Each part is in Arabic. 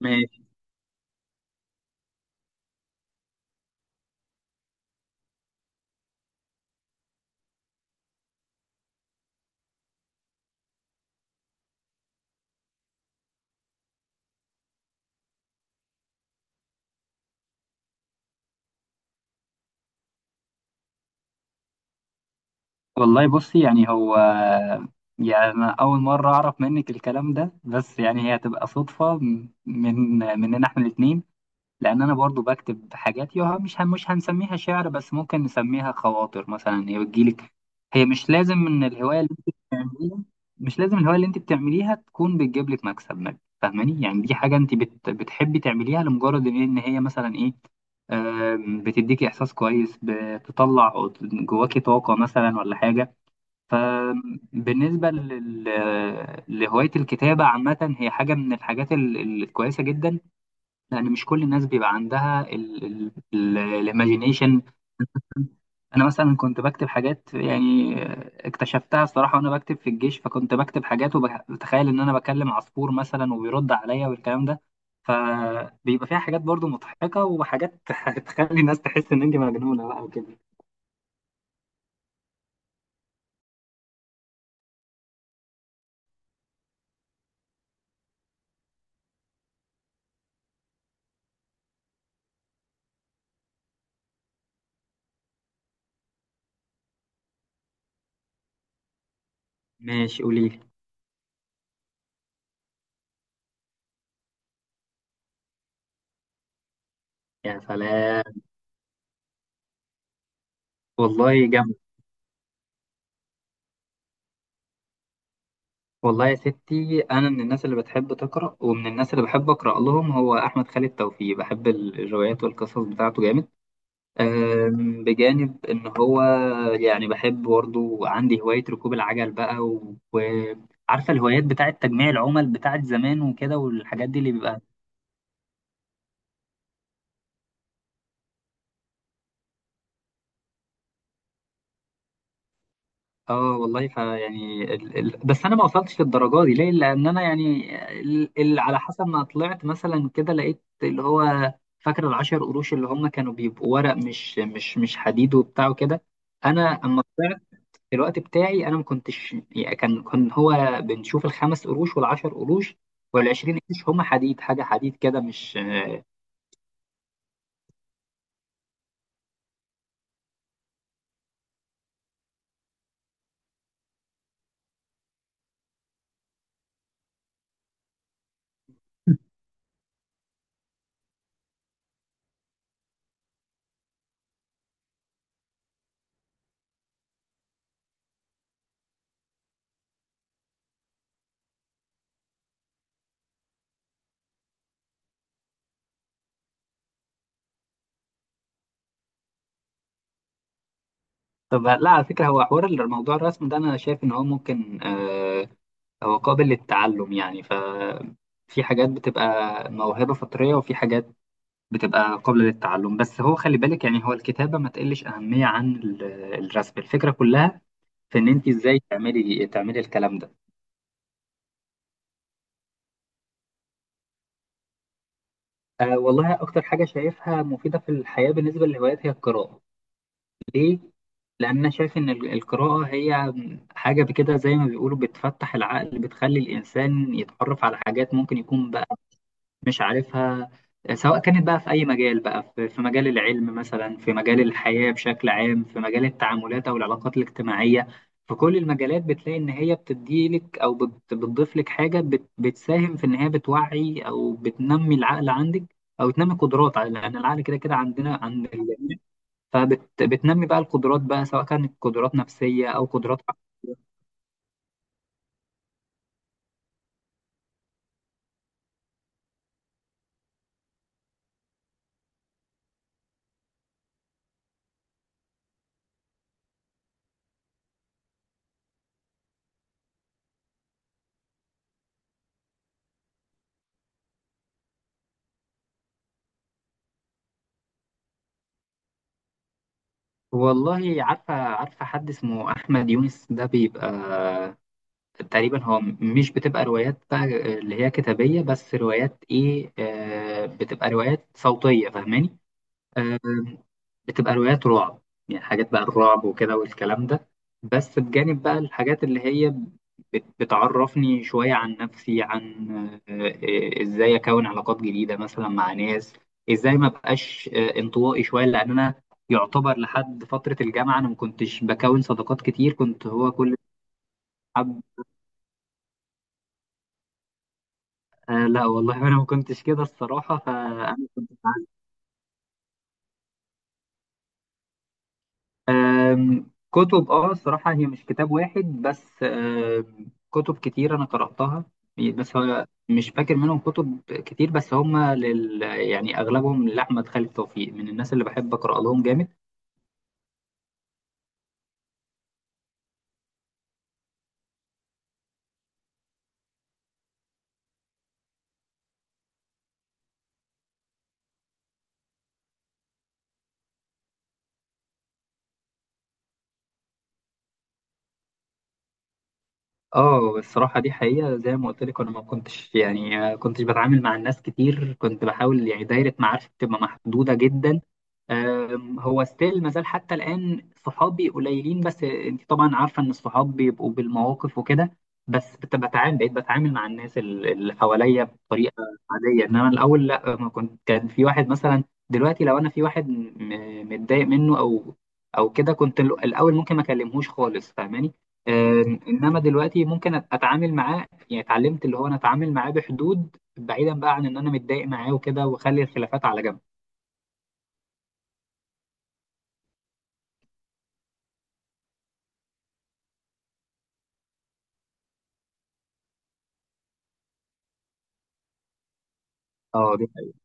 ماشي. والله بصي، يعني هو يعني أنا أول مرة أعرف منك الكلام ده، بس يعني هي هتبقى صدفة من مننا إحنا الاتنين. لان انا برضو بكتب حاجات يوها، مش هنسميها شعر، بس ممكن نسميها خواطر مثلا، هي بتجيلك. هي مش لازم ان الهوايه اللي انت بتعمليها، مش لازم الهوايه اللي انت بتعمليها تكون بتجيب لك مكسب مادي، فاهماني؟ يعني دي حاجه انت بتحبي تعمليها لمجرد إن هي مثلا ايه، بتديكي احساس كويس، بتطلع جواكي طاقه مثلا، ولا حاجه. فبالنسبه لل... لهوايه الكتابه عامه، هي حاجه من الحاجات الكويسه جدا، لان مش كل الناس بيبقى عندها الايماجينيشن. انا مثلا كنت بكتب حاجات، يعني اكتشفتها الصراحه وانا بكتب في الجيش، فكنت بكتب حاجات وبتخيل ان انا بكلم عصفور مثلا وبيرد عليا والكلام ده، فبيبقى فيها حاجات برضو مضحكه وحاجات تخلي الناس تحس ان انت مجنونه بقى وكده. ماشي، قولي لي. يا سلام. والله جامد. والله يا ستي، انا من الناس اللي بتحب تقرا، ومن الناس اللي بحب اقرا لهم هو احمد خالد توفيق، بحب الروايات والقصص بتاعته جامد. بجانب إن هو يعني بحب، برضه عندي هواية ركوب العجل بقى، و- وعارفة الهوايات بتاعة تجميع العمل بتاعة زمان وكده، والحاجات دي اللي بيبقى. اه والله، فيعني بس أنا ما وصلتش للدرجة دي، ليه؟ لأن أنا يعني على حسب ما طلعت مثلا كده، لقيت اللي هو فاكر العشر قروش اللي هم كانوا بيبقوا ورق، مش حديد وبتاع وكده. أنا، أما الوقت بتاعي انا ما كنتش يعني، كان هو بنشوف الخمس قروش والعشر قروش والعشرين قرش، هم حديد، حاجه حديد كده مش طب لا، على فكره، هو حوار الموضوع الرسم ده، انا شايف ان هو ممكن هو قابل للتعلم يعني. في حاجات بتبقى موهبه فطريه، وفي حاجات بتبقى قابله للتعلم، بس هو خلي بالك، يعني هو الكتابه ما تقلش اهميه عن الرسم. الفكره كلها في ان انت ازاي تعملي الكلام ده. أه والله، أكتر حاجة شايفها مفيدة في الحياة بالنسبة للهوايات هي القراءة. ليه؟ لأن أنا شايف إن القراءة هي حاجة بكده، زي ما بيقولوا بتفتح العقل، بتخلي الإنسان يتعرف على حاجات ممكن يكون مش عارفها، سواء كانت بقى في أي مجال، بقى في مجال العلم مثلا، في مجال الحياة بشكل عام، في مجال التعاملات أو العلاقات الاجتماعية. في كل المجالات بتلاقي إن هي بتديلك، أو بتضيف لك حاجة، بتساهم في إن هي بتوعي أو بتنمي العقل عندك، أو تنمي قدرات لأن العقل كده كده عندنا، عند الجميع. فبتنمي بقى القدرات بقى، سواء كانت قدرات نفسية أو قدرات. والله عارفة حد اسمه أحمد يونس، ده بيبقى تقريبا هو مش بتبقى روايات بقى اللي هي كتابية، بس روايات ايه، بتبقى روايات صوتية، فاهماني؟ آه بتبقى روايات رعب، يعني حاجات بقى الرعب وكده والكلام ده. بس بجانب بقى الحاجات اللي هي بتعرفني شوية عن نفسي، عن آه، ازاي اكون علاقات جديدة مثلا مع ناس، ازاي ما بقاش انطوائي شوية. لان انا يعتبر لحد فترة الجامعة انا ما كنتش بكون صداقات كتير، كنت هو كل. آه لا والله، انا ما كنتش كده الصراحه، فانا كنت بعزف. كتب، الصراحه هي مش كتاب واحد، بس كتب كتير انا قراتها. بس هو مش فاكر منهم كتب كتير، بس هم يعني اغلبهم لاحمد خالد توفيق، من الناس اللي بحب اقرا لهم جامد. اه الصراحة دي حقيقة، زي ما قلت لك، انا ما كنتش يعني كنتش بتعامل مع الناس كتير، كنت بحاول يعني دايرة معارفي بتبقى محدودة جدا. هو ستيل ما زال حتى الآن صحابي قليلين، بس انت طبعا عارفة ان الصحاب بيبقوا بالمواقف وكده. بس بتعامل، بقيت بتعامل مع الناس اللي حواليا بطريقة عادية، انما الاول لا، ما كنت. كان في واحد مثلا دلوقتي، لو انا في واحد متضايق منه، او كده، كنت الاول ممكن ما اكلمهوش خالص، فاهماني؟ آه، انما دلوقتي ممكن اتعامل معاه، يعني اتعلمت اللي هو انا اتعامل معاه بحدود، بعيدا بقى عن ان انا متضايق معاه وكده، واخلي الخلافات على جنب. اه، دي حقيقة.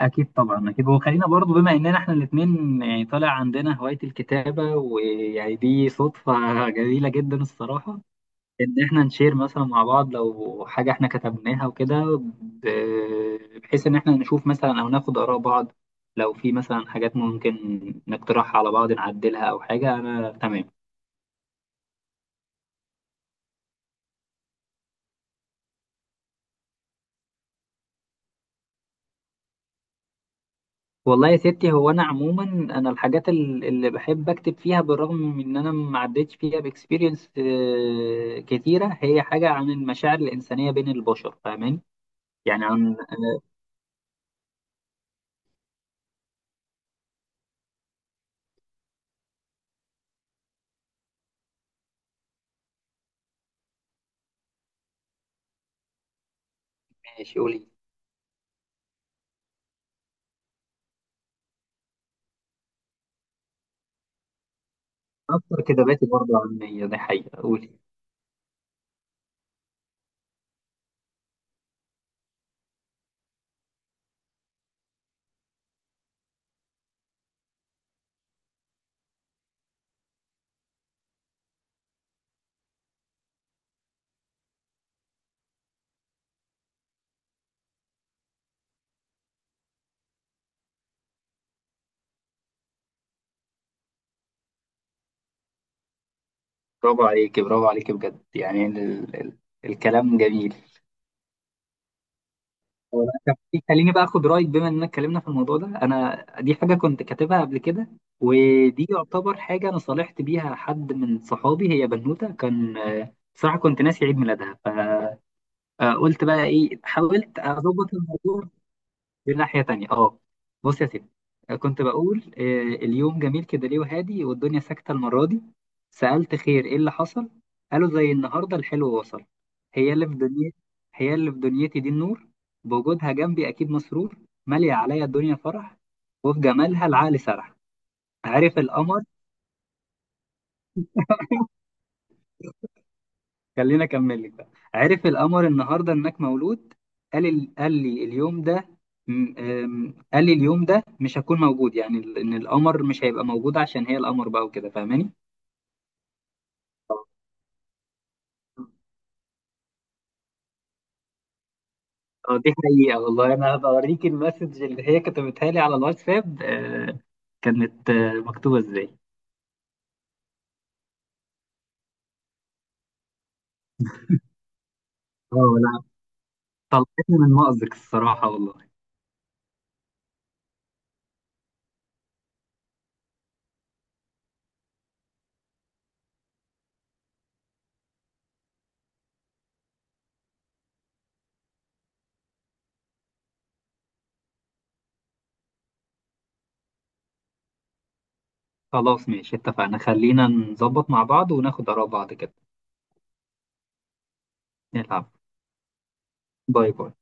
اكيد طبعا، اكيد. وخلينا برضو، بما اننا احنا الاثنين يعني طالع عندنا هواية الكتابة، ويعني دي صدفة جميلة جدا الصراحة، ان احنا نشير مثلا مع بعض لو حاجة احنا كتبناها وكده، بحيث ان احنا نشوف مثلا، او ناخد اراء بعض، لو في مثلا حاجات ممكن نقترحها على بعض، نعدلها او حاجة. انا تمام. والله يا ستي، هو انا عموما، انا الحاجات اللي بحب اكتب فيها بالرغم من ان انا ما عدتش فيها باكسبيرينس كتيره، هي حاجه عن المشاعر الانسانيه بين البشر، فاهماني؟ يعني عن. ماشي، قولي. اكتر كتاباتي برضه علميه، دي حقيقه. قولي. برافو عليكي، برافو عليكي، بجد. يعني ال... الكلام جميل. طب خليني بقى اخد رايك، بما اننا اتكلمنا في الموضوع ده. انا دي حاجه كنت كاتبها قبل كده، ودي يعتبر حاجه انا صالحت بيها حد من صحابي، هي بنوته، كان بصراحه كنت ناسي عيد ميلادها، فقلت بقى ايه، حاولت اظبط الموضوع. دي ناحية تانية، اه. بص يا سيدي، كنت بقول اليوم جميل كده ليه وهادي، والدنيا ساكتة المرة دي، سألت خير ايه اللي حصل، قالوا زي النهاردة الحلو وصل. هي اللي في دنيتي، هي اللي في دنيتي دي النور، بوجودها جنبي أكيد مسرور، مالية عليا الدنيا فرح، وفي جمالها العقل سرح، عرف القمر. خليني اكمل لك بقى. عرف القمر النهارده انك مولود، قال لي اليوم ده م- أم، قال لي اليوم ده مش هكون موجود، يعني ان القمر مش هيبقى موجود، عشان هي القمر بقى وكده، فاهماني؟ اه، دي حقيقة والله. انا هبقى اوريك المسج اللي هي كتبتها لي على الواتساب، كانت مكتوبة ازاي. اه لا، طلعتني من مأزق الصراحة والله. خلاص ماشي، اتفقنا، خلينا نظبط مع بعض وناخد آراء بعض كده. نلعب. باي باي.